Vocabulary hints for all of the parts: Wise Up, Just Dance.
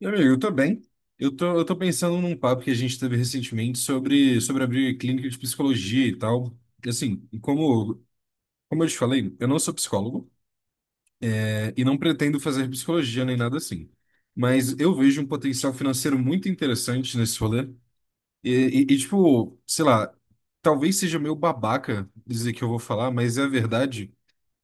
E, amigo, eu tô bem. Eu tô pensando num papo que a gente teve recentemente sobre abrir clínica de psicologia e tal. E, assim, como eu te falei, eu não sou psicólogo, e não pretendo fazer psicologia nem nada assim. Mas eu vejo um potencial financeiro muito interessante nesse rolê. E, e, tipo, sei lá, talvez seja meio babaca dizer que eu vou falar, mas é a verdade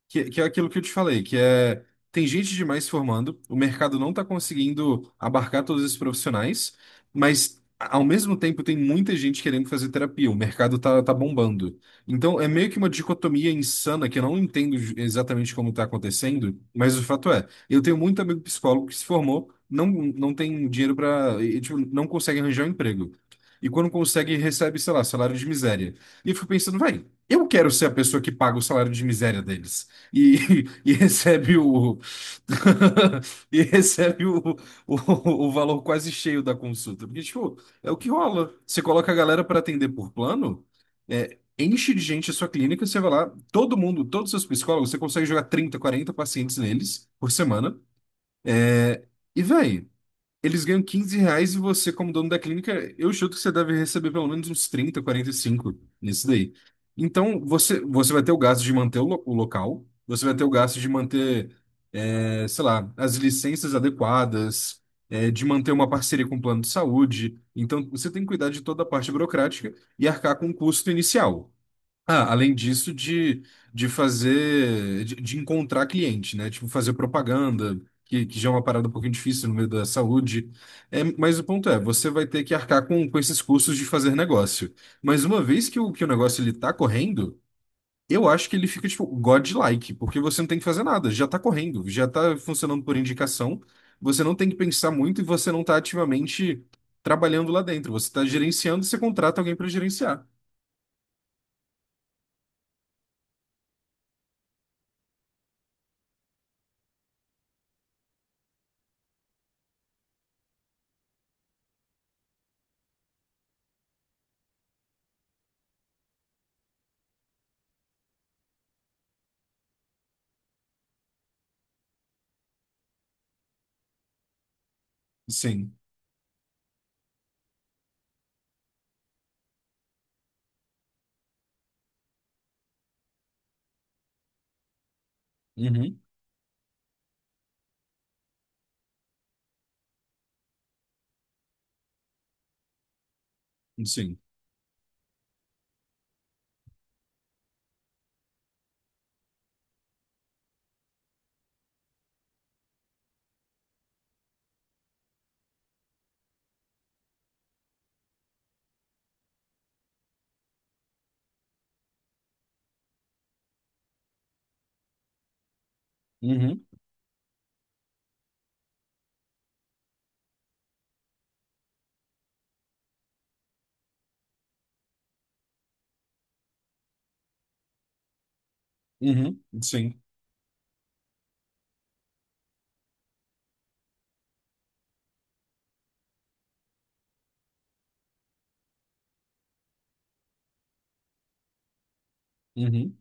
que é aquilo que eu te falei, que é tem gente demais se formando, o mercado não está conseguindo abarcar todos esses profissionais, mas ao mesmo tempo tem muita gente querendo fazer terapia, o mercado tá bombando. Então é meio que uma dicotomia insana que eu não entendo exatamente como está acontecendo, mas o fato é, eu tenho muito amigo psicólogo que se formou, não, não tem dinheiro para, tipo, não consegue arranjar um emprego. E quando consegue, recebe, sei lá, salário de miséria. E eu fico pensando, vai, eu quero ser a pessoa que paga o salário de miséria deles, e, e recebe o e recebe o valor quase cheio da consulta. Porque, tipo, é o que rola. Você coloca a galera para atender por plano, enche de gente a sua clínica, você vai lá, todo mundo, todos os seus psicólogos, você consegue jogar 30 40 pacientes neles por semana. E, véi, eles ganham 15 reais e você, como dono da clínica, eu chuto que você deve receber pelo menos uns 30, 45 nisso daí. Então, você, você vai ter o gasto de manter o local, você vai ter o gasto de manter, sei lá, as licenças adequadas, de manter uma parceria com o plano de saúde. Então, você tem que cuidar de toda a parte burocrática e arcar com o custo inicial. Ah, além disso, de fazer, de encontrar cliente, né? Tipo, fazer propaganda, que já é uma parada um pouquinho difícil no meio da saúde. É, mas o ponto é, você vai ter que arcar com esses custos de fazer negócio. Mas uma vez que o negócio ele tá correndo, eu acho que ele fica, tipo, godlike, porque você não tem que fazer nada, já tá correndo, já tá funcionando por indicação, você não tem que pensar muito e você não tá ativamente trabalhando lá dentro. Você tá gerenciando, você contrata alguém para gerenciar. Sim. Uhum. Sim. Uhum, uhum, sim. Uhum.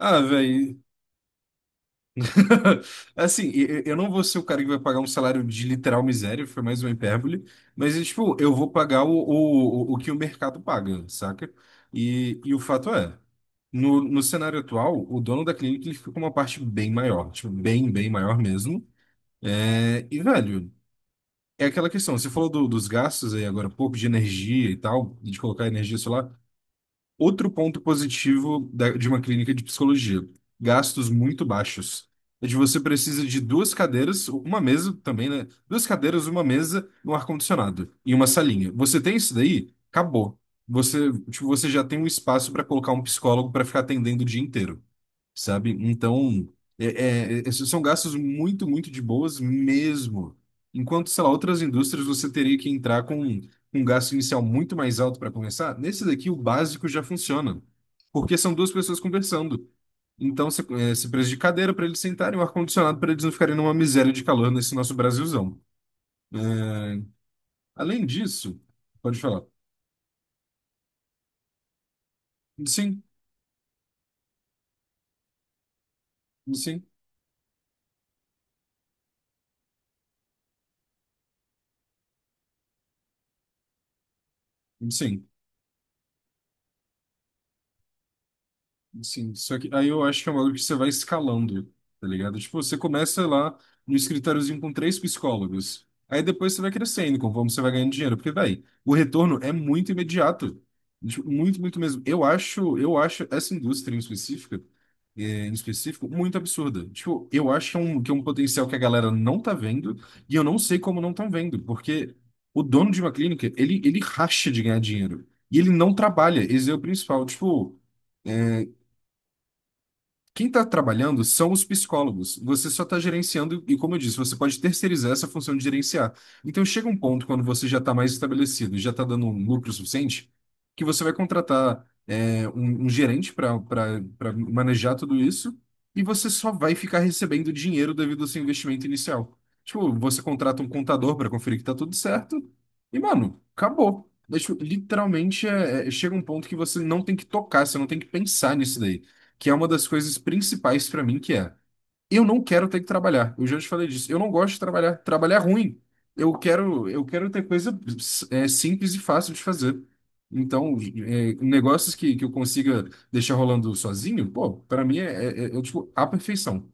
Ah, velho. Assim, eu não vou ser o cara que vai pagar um salário de literal miséria, foi mais uma hipérbole, mas, é, tipo, eu vou pagar o que o mercado paga, saca? E, o fato é, no cenário atual, o dono da clínica ele fica com uma parte bem maior, tipo, bem, bem maior mesmo. É, e, velho, é aquela questão, você falou dos gastos aí agora há pouco, de energia e tal, de colocar energia solar. Outro ponto positivo de uma clínica de psicologia: gastos muito baixos. É de você precisa de duas cadeiras, uma mesa também, né? Duas cadeiras, uma mesa, um ar-condicionado e uma salinha. Você tem isso daí? Acabou. Você, tipo, você já tem um espaço para colocar um psicólogo para ficar atendendo o dia inteiro, sabe? Então, esses são gastos muito, muito de boas mesmo. Enquanto, sei lá, outras indústrias você teria que entrar com um gasto inicial muito mais alto para começar, nesse daqui o básico já funciona, porque são duas pessoas conversando. Então, você precisa de cadeira para eles sentarem, um ar-condicionado para eles não ficarem numa miséria de calor nesse nosso Brasilzão. É, além disso, pode falar. Sim, sim, sim. Sim, só que aí eu acho que é uma coisa que você vai escalando, tá ligado? Tipo, você começa lá no escritóriozinho com três psicólogos. Aí depois você vai crescendo, conforme você vai ganhando dinheiro. Porque, véi, o retorno é muito imediato. Tipo, muito, muito mesmo. Eu acho essa indústria em específica, em específico, muito absurda. Tipo, eu acho que é um potencial que a galera não tá vendo, e eu não sei como não estão vendo, porque o dono de uma clínica, ele racha de ganhar dinheiro. E ele não trabalha, esse é o principal. Tipo, quem está trabalhando são os psicólogos. Você só está gerenciando, e como eu disse, você pode terceirizar essa função de gerenciar. Então chega um ponto quando você já está mais estabelecido, já está dando um lucro suficiente, que você vai contratar um gerente para manejar tudo isso, e você só vai ficar recebendo dinheiro devido ao seu investimento inicial. Tipo, você contrata um contador para conferir que está tudo certo, e mano, acabou. Mas, tipo, literalmente chega um ponto que você não tem que tocar, você não tem que pensar nisso daí que é uma das coisas principais pra mim, que é eu não quero ter que trabalhar. Eu já te falei disso. Eu não gosto de trabalhar. Trabalhar é ruim. Eu quero ter coisa simples e fácil de fazer. Então, negócios que eu consiga deixar rolando sozinho, pô, pra mim tipo a perfeição.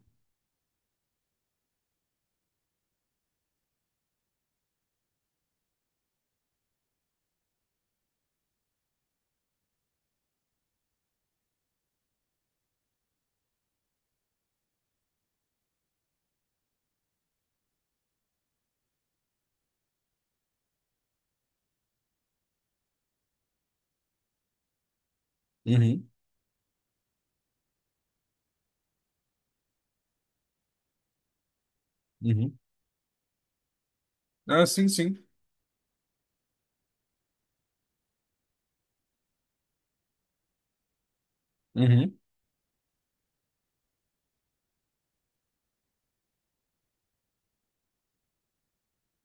Uhum, uhum, ah, sim, sim. Uhum,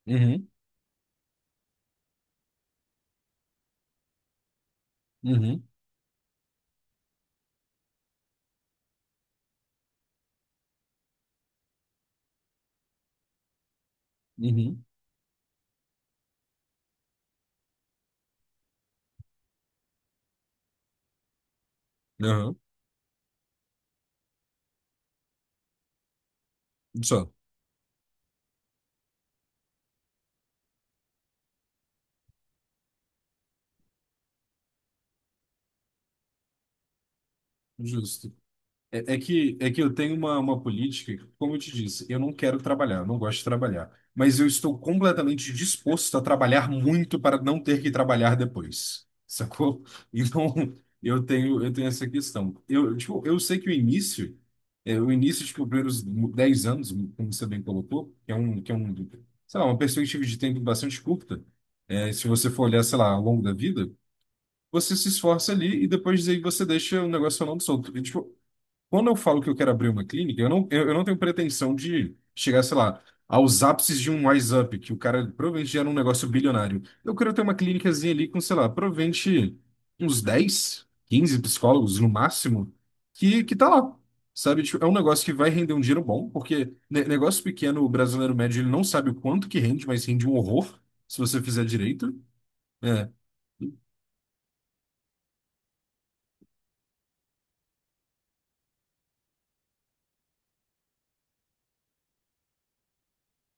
uhum, uhum, uhum. Aham. Só. Justo. É que eu tenho uma política, que, como eu te disse, eu não quero trabalhar, eu não gosto de trabalhar. Mas eu estou completamente disposto a trabalhar muito para não ter que trabalhar depois, sacou? Então, eu tenho essa questão. Eu, tipo, eu sei que o início, tipo, os primeiros 10 anos, como você bem colocou, que é um, sei lá, uma perspectiva de tempo bastante curta, se você for olhar, sei lá, ao longo da vida, você se esforça ali e depois aí você deixa o negócio falando solto. E, tipo, quando eu falo que eu quero abrir uma clínica, eu não tenho pretensão de chegar, sei lá, aos ápices de um Wise Up, que o cara provavelmente já era um negócio bilionário. Eu quero ter uma clínicazinha ali com, sei lá, provavelmente uns 10, 15 psicólogos no máximo, que tá lá. Sabe, tipo, é um negócio que vai render um dinheiro bom, porque negócio pequeno, o brasileiro médio, ele não sabe o quanto que rende, mas rende um horror, se você fizer direito. É.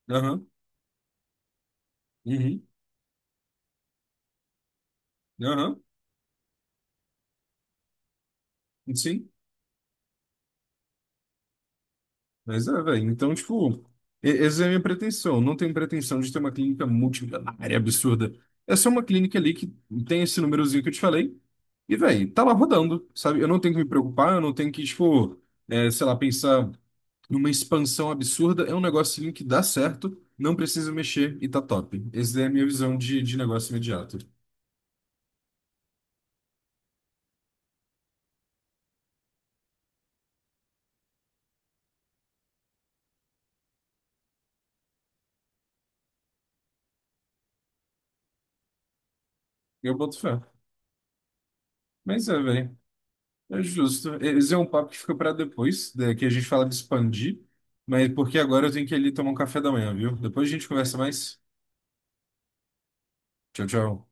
Aham. Uhum. Aham. Sim. Mas é, velho. Então, tipo, essa é a minha pretensão. Não tenho pretensão de ter uma clínica multimilionária absurda. É só uma clínica ali que tem esse númerozinho que eu te falei. E, velho, tá lá rodando, sabe? Eu não tenho que me preocupar, eu não tenho que, tipo, sei lá, pensar numa expansão absurda. É um negocinho que dá certo, não precisa mexer e tá top. Essa é a minha visão de negócio imediato. Eu boto fé. Mas é, velho. É justo. Esse é um papo que fica para depois, né, que a gente fala de expandir, mas porque agora eu tenho que ir ali tomar um café da manhã, viu? Depois a gente conversa mais. Tchau, tchau.